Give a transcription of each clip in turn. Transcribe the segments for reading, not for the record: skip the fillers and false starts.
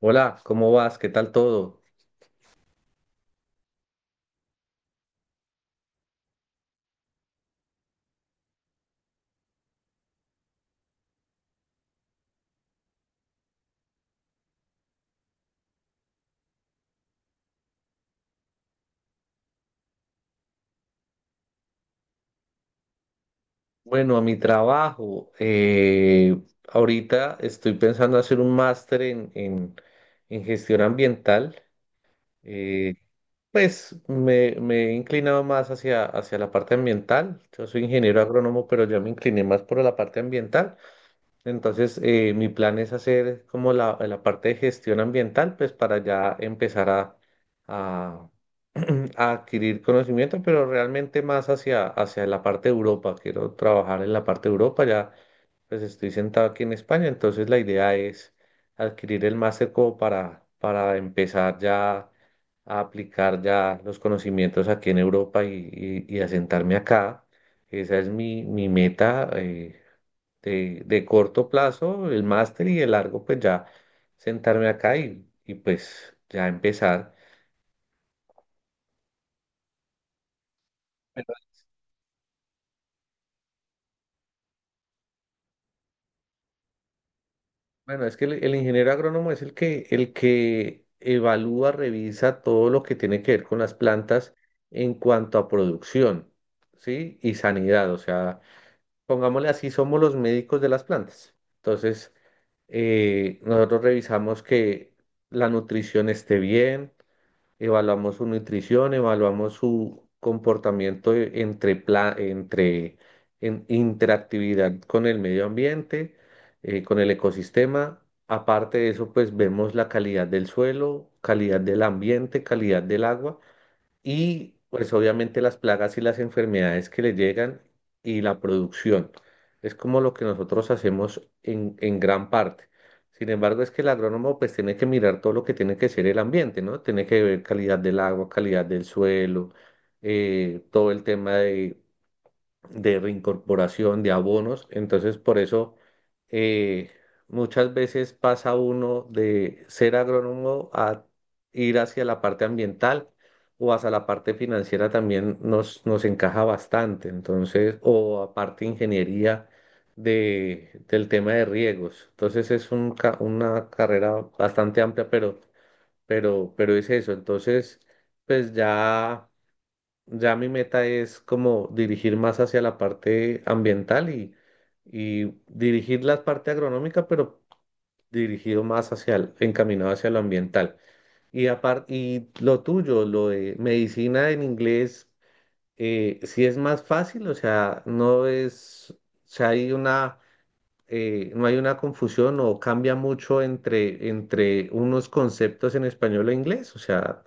Hola, ¿cómo vas? ¿Qué tal todo? Bueno, a mi trabajo. Ahorita estoy pensando hacer un máster en gestión ambiental. eh, pues me he inclinado más hacia la parte ambiental. Yo soy ingeniero agrónomo, pero ya me incliné más por la parte ambiental. Entonces, mi plan es hacer como la parte de gestión ambiental, pues para ya empezar a a adquirir conocimiento, pero realmente más hacia la parte de Europa. Quiero trabajar en la parte de Europa, ya pues estoy sentado aquí en España, entonces la idea es adquirir el máster como para empezar ya a aplicar ya los conocimientos aquí en Europa y asentarme acá. Esa es mi meta de corto plazo, el máster y de largo, pues ya sentarme acá y pues ya empezar. Bueno, es que el ingeniero agrónomo es el que evalúa, revisa todo lo que tiene que ver con las plantas en cuanto a producción, ¿sí? Y sanidad, o sea, pongámosle así, somos los médicos de las plantas. Entonces, nosotros revisamos que la nutrición esté bien, evaluamos su nutrición, evaluamos su comportamiento entre en interactividad con el medio ambiente, con el ecosistema. Aparte de eso, pues vemos la calidad del suelo, calidad del ambiente, calidad del agua y pues obviamente las plagas y las enfermedades que le llegan y la producción. Es como lo que nosotros hacemos en gran parte. Sin embargo, es que el agrónomo pues tiene que mirar todo lo que tiene que ser el ambiente, ¿no? Tiene que ver calidad del agua, calidad del suelo, todo el tema de reincorporación, de abonos. Entonces, por eso, eh, muchas veces pasa uno de ser agrónomo a ir hacia la parte ambiental o hacia la parte financiera también nos encaja bastante. Entonces, o aparte ingeniería del tema de riegos. Entonces, es una carrera bastante amplia, pero es eso. Entonces, pues ya. Ya mi meta es como dirigir más hacia la parte ambiental y dirigir la parte agronómica, pero dirigido más hacia encaminado hacia lo ambiental. Y aparte, y lo tuyo, lo de medicina en inglés, sí es más fácil, o sea, no es, o sea, no hay una confusión o cambia mucho entre unos conceptos en español e inglés, o sea.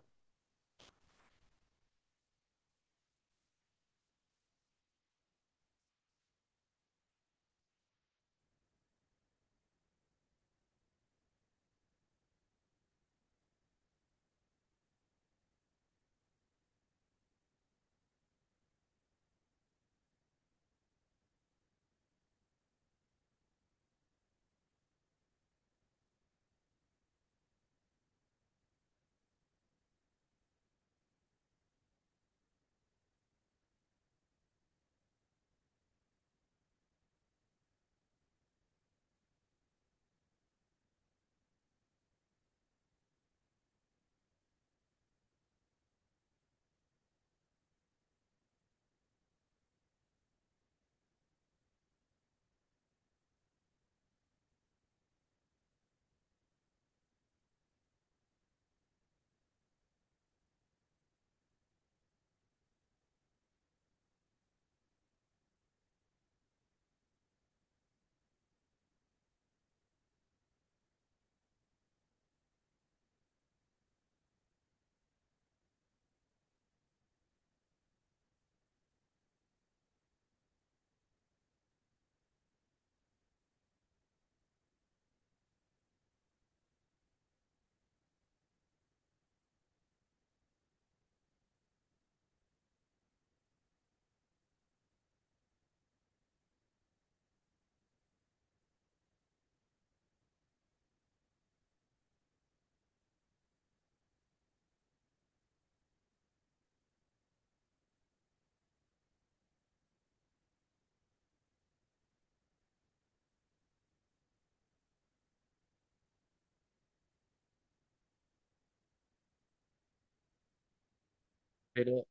Pero,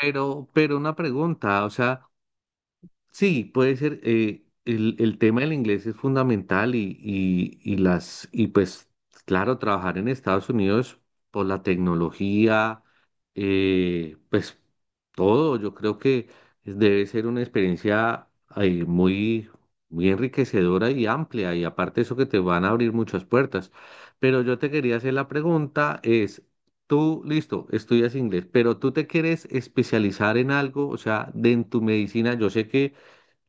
pero una pregunta, o sea. Sí, puede ser. El tema del inglés es fundamental y pues, claro, trabajar en Estados Unidos por la tecnología, pues todo, yo creo que debe ser una experiencia eh, muy, muy enriquecedora y amplia. Y aparte eso que te van a abrir muchas puertas. Pero yo te quería hacer la pregunta, es, tú, listo, estudias inglés, pero tú te quieres especializar en algo, o sea, de en tu medicina, yo sé que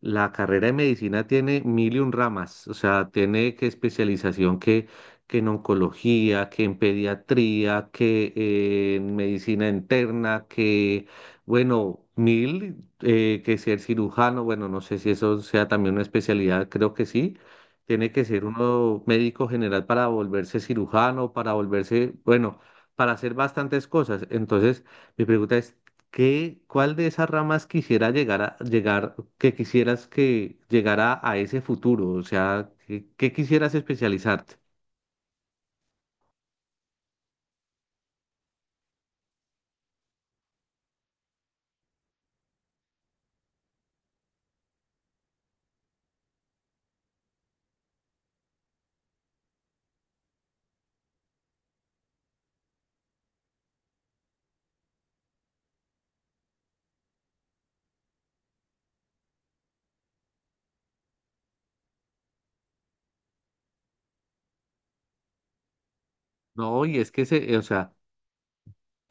la carrera de medicina tiene mil y un ramas, o sea, tiene que especialización que en oncología, que en pediatría, que en medicina interna, que, bueno, mil, que ser cirujano, bueno, no sé si eso sea también una especialidad, creo que sí. Tiene que ser uno médico general para volverse cirujano, para volverse, bueno, para hacer bastantes cosas. Entonces, mi pregunta es, ¿qué, cuál de esas ramas quisiera llegar a llegar, que quisieras que llegara a ese futuro? O sea, ¿qué, qué quisieras especializarte? No, y es que se, o sea,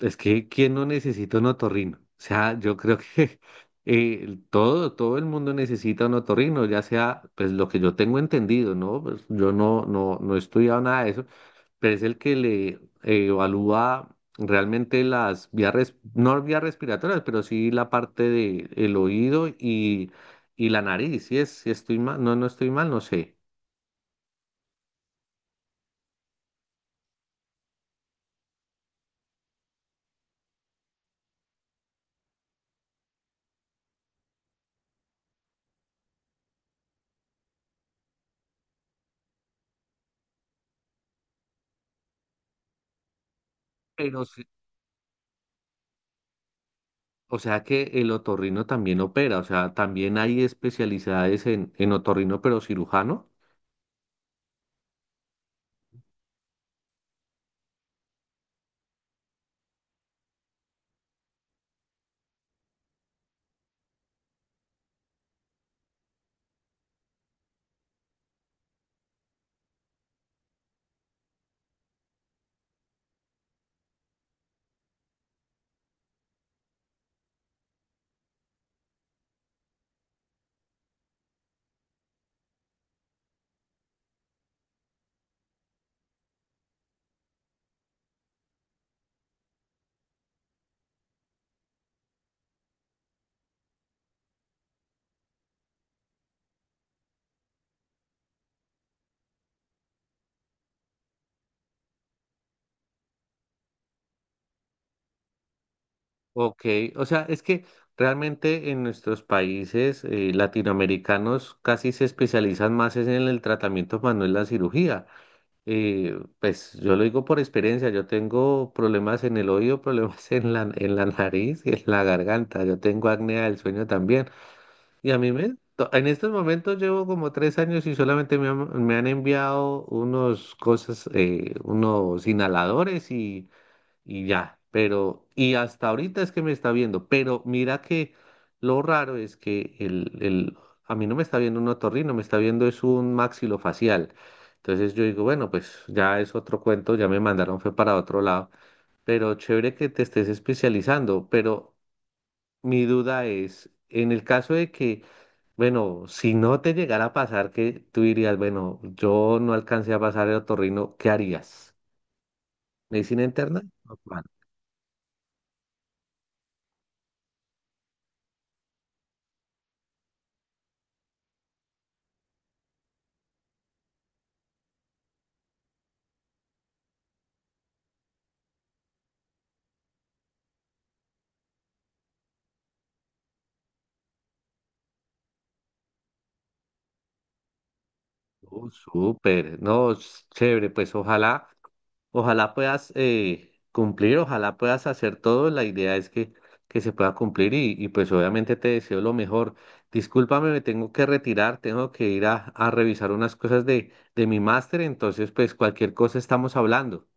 es que ¿quién no necesita un otorrino? O sea, yo creo que todo el mundo necesita un otorrino, ya sea, pues lo que yo tengo entendido, ¿no? Pues yo no he estudiado nada de eso, pero es el que le evalúa realmente no vías respiratorias, pero sí la parte de el oído y la nariz. Si es, si estoy mal, no, no estoy mal, no sé. Pero sí- o sea que el otorrino también opera, o sea, también hay especialidades en otorrino, pero cirujano. Ok, o sea, es que realmente en nuestros países latinoamericanos casi se especializan más es en el tratamiento, más no en la cirugía. Y pues yo lo digo por experiencia, yo tengo problemas en el oído, problemas en en la nariz y en la garganta, yo tengo apnea del sueño también. Y a mí en estos momentos llevo como 3 años y solamente me han enviado unos cosas, unos inhaladores y ya, pero, y hasta ahorita es que me está viendo, pero mira que lo raro es que a mí no me está viendo un otorrino, me está viendo es un maxilofacial. Entonces yo digo, bueno, pues ya es otro cuento, ya me mandaron fue para otro lado, pero chévere que te estés especializando, pero mi duda es, en el caso de que, bueno, si no te llegara a pasar que tú dirías, bueno, yo no alcancé a pasar el otorrino, ¿qué harías? ¿Medicina interna? Oh, súper, no, es chévere, pues ojalá, ojalá puedas cumplir, ojalá puedas hacer todo, la idea es que se pueda cumplir y pues obviamente te deseo lo mejor. Discúlpame, me tengo que retirar, tengo que ir a revisar unas cosas de mi máster, entonces pues cualquier cosa estamos hablando.